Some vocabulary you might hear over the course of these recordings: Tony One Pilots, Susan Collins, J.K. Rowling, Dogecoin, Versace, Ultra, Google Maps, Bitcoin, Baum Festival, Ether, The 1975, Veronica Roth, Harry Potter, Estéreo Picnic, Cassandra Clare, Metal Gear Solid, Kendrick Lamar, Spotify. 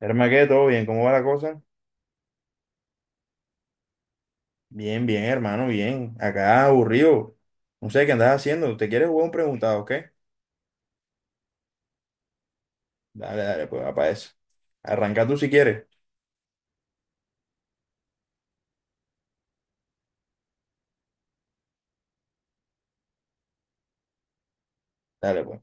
Hermano, ¿qué? ¿Todo bien? ¿Cómo va la cosa? Bien, bien, hermano, bien. Acá aburrido. No sé qué andas haciendo. ¿Te quieres jugar un preguntado, o qué? Dale, dale, pues, va para eso. Arranca tú si quieres. Dale, pues.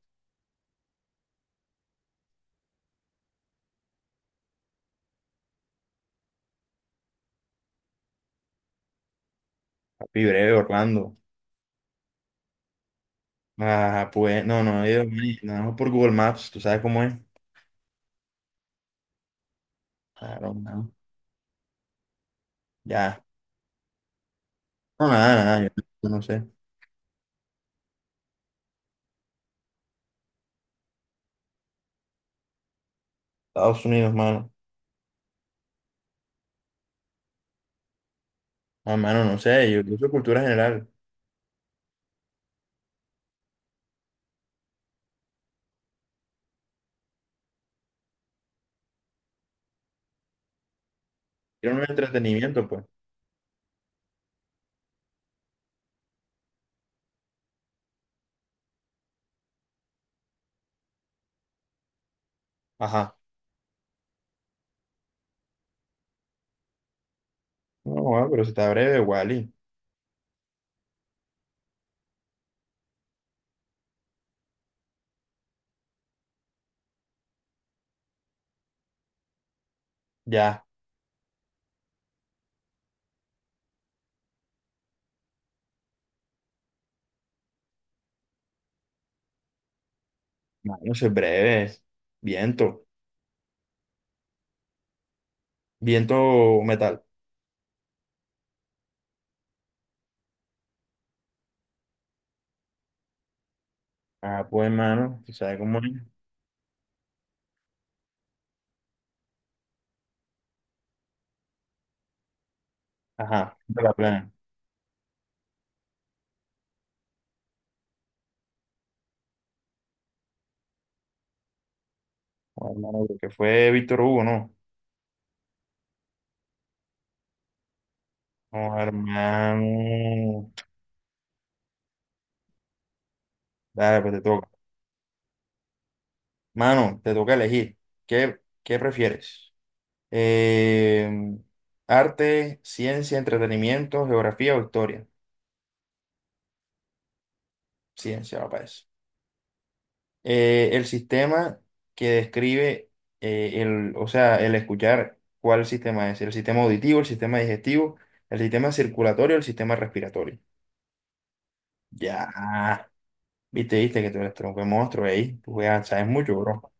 Papi breve, Orlando. Ah, pues, no, no, yo, mani, no, por Google Maps, tú sabes cómo es. Claro, no. Ya. No, nada, nada, yo no sé. Estados Unidos, mano. Ah, mano, no sé, yo soy cultura general. Quiero un entretenimiento, pues. Ajá. No, ah, pero si está breve, Wally. Ya. Mano, eso es breve. Viento. Viento o metal. Ah, pues hermano, tú sabes cómo es. Ajá, de la plana. Oh, hermano, creo que fue Víctor Hugo, ¿no? Oh, hermano. Dale, pues te toca. Mano, te toca elegir. ¿Qué prefieres? Eh, arte, ciencia, entretenimiento, geografía o historia. Ciencia, papá. El sistema que describe o sea, el escuchar cuál sistema es, el sistema auditivo, el sistema digestivo, el sistema circulatorio, el sistema respiratorio. Ya, viste, viste que tú eres tronco de monstruo ahí, tú juegas, sabes mucho, bro.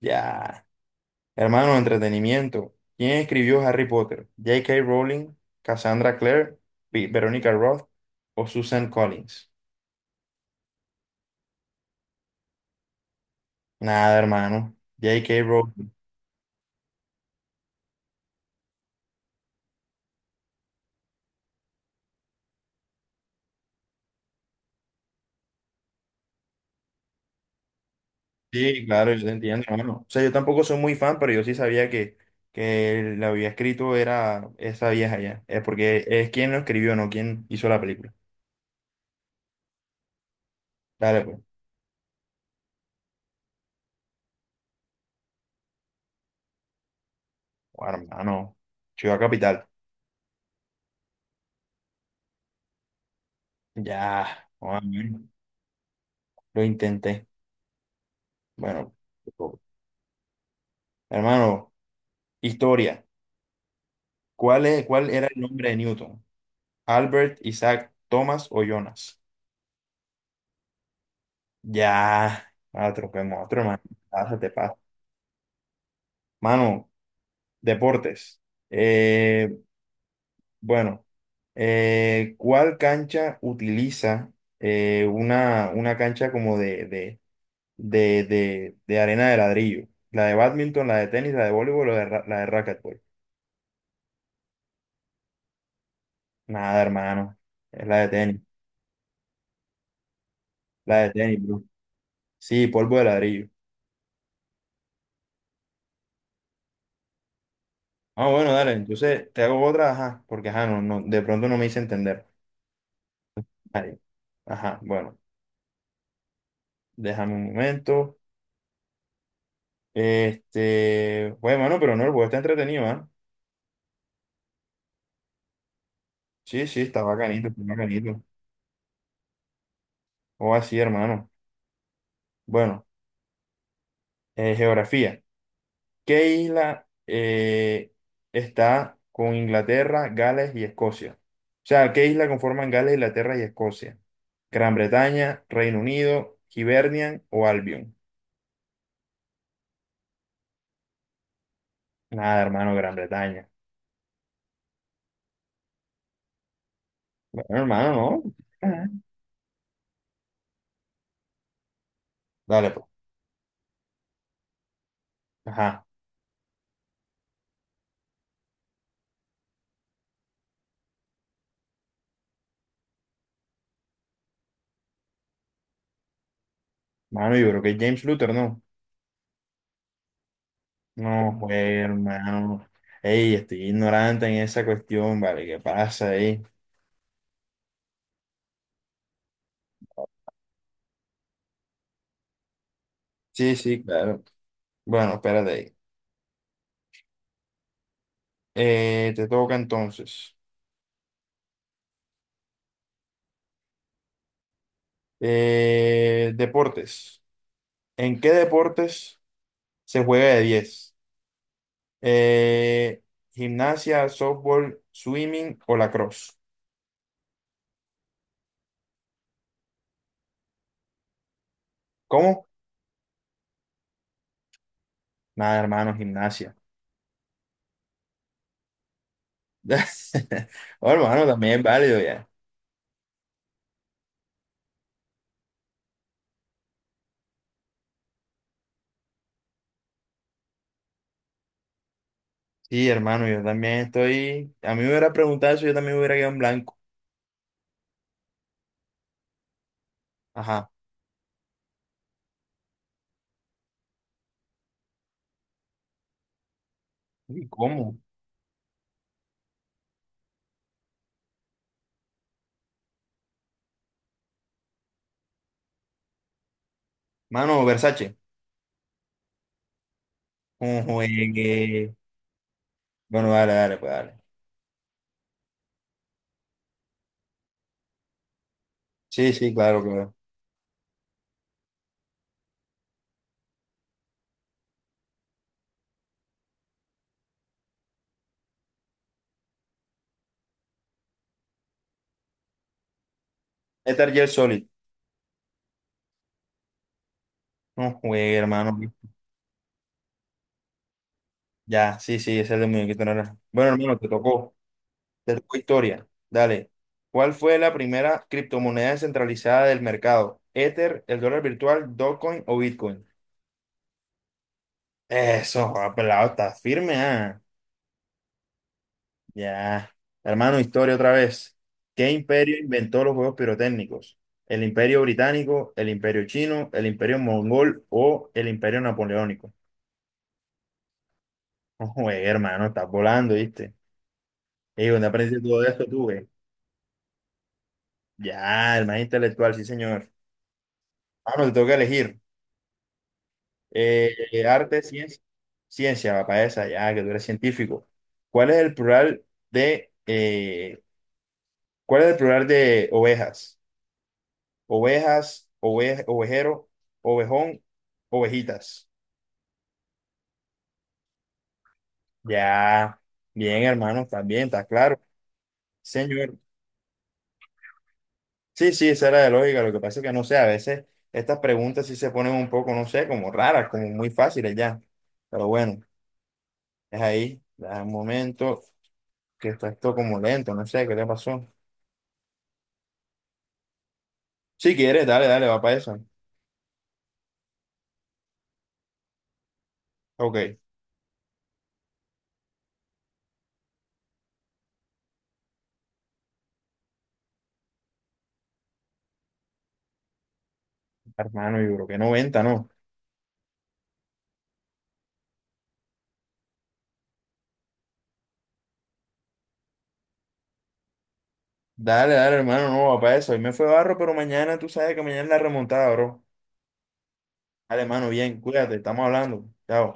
Ya, hermano, entretenimiento. ¿Quién escribió Harry Potter? J.K. Rowling, Cassandra Clare, Veronica Roth o Susan Collins? Nada, hermano. J.K. Rowling. Sí, claro, yo te entiendo, hermano. O sea, yo tampoco soy muy fan, pero yo sí sabía que la había escrito era esa vieja ya. Es porque es quien lo escribió, no quien hizo la película. Dale, pues. Bueno, hermano, Ciudad Capital. Ya, bueno, lo intenté. Bueno, hermano, historia. ¿Cuál era el nombre de Newton? ¿Albert, Isaac, Thomas o Jonas? Ya, otro, otro, hermano. Pásate, pasa. Mano, deportes. Eh, Bueno, ¿cuál cancha utiliza una cancha como de arena de ladrillo? La de bádminton, la de tenis, la de voleibol o la de, la de racquetball. Nada, hermano. Es la de tenis. La de tenis, bro. Sí, polvo de ladrillo. Ah, bueno, dale. Entonces te hago otra, ajá, porque ajá, no, no, de pronto no me hice entender. Ahí. Ajá, bueno, déjame un momento. Este, bueno, mano, pero no, el juego está entretenido, ¿ah? Sí, sí, está bacanito, está bacanito. O así, hermano. Bueno, geografía. ¿Qué isla está con Inglaterra, Gales y Escocia? O sea, ¿qué isla conforman Gales, Inglaterra y Escocia? Gran Bretaña, Reino Unido, Hibernian o Albion. Nada, hermano, Gran Bretaña. Bueno, hermano, no. Ajá. Dale, pues. Ajá. Mano, yo creo que es James Luther, ¿no? No, pues, hermano. Ey, estoy ignorante en esa cuestión, ¿vale? ¿Qué pasa ahí? Sí, sí, claro. Bueno, espérate ahí. Te toca entonces. Deportes. ¿En qué deportes se juega de 10? Eh, gimnasia, softball, swimming o lacrosse. ¿Cómo? Nada, hermano, gimnasia. Oh, hermano, también es válido ya. Sí, hermano, yo también estoy. A mí me hubiera preguntado eso, yo también me hubiera quedado en blanco. Ajá. Uy, ¿cómo? Mano, Versace. Un juegue. Bueno, dale, dale, pues dale. Sí, sí, claro, claro. Metal Gear Solid. No juegue, hermano. Ya, sí, sí, ese es el de muñequito naranja. Bueno, hermano, te tocó. Te tocó historia. Dale. ¿Cuál fue la primera criptomoneda descentralizada del mercado? ¿Ether, el dólar virtual, Dogecoin o Bitcoin? Eso, joda, pelado, está firme, ah. Ya. Hermano, historia otra vez. ¿Qué imperio inventó los juegos pirotécnicos? ¿El imperio británico, el imperio chino, el imperio mongol o el imperio napoleónico? No juegue, hermano, estás volando, ¿viste? Ey, ¿dónde aprendiste todo esto tú, güey? Ya, el más intelectual, sí, señor. Ah, no, te tengo que elegir. Arte, ciencia. Ciencia, papá, esa, ya, que tú eres científico. ¿Cuál es el plural de, eh, ¿Cuál es el plural de ovejas? Ovejas, ovejero, ovejón, ovejitas. Ya, bien, hermano, también, está claro. Señor. Sí, sí, esa era de lógica. Lo que pasa es que no sé, a veces estas preguntas sí se ponen un poco, no sé, como raras, como muy fáciles ya. Pero bueno. Es ahí, da un momento que está esto como lento, no sé qué le pasó. Si quieres, dale, dale, va para eso. Ok, hermano, yo creo que 90, ¿no? Dale, dale, hermano, no va para eso. Hoy me fue barro, pero mañana tú sabes que mañana es la remontada, bro. Dale, hermano, bien, cuídate, estamos hablando. Chao.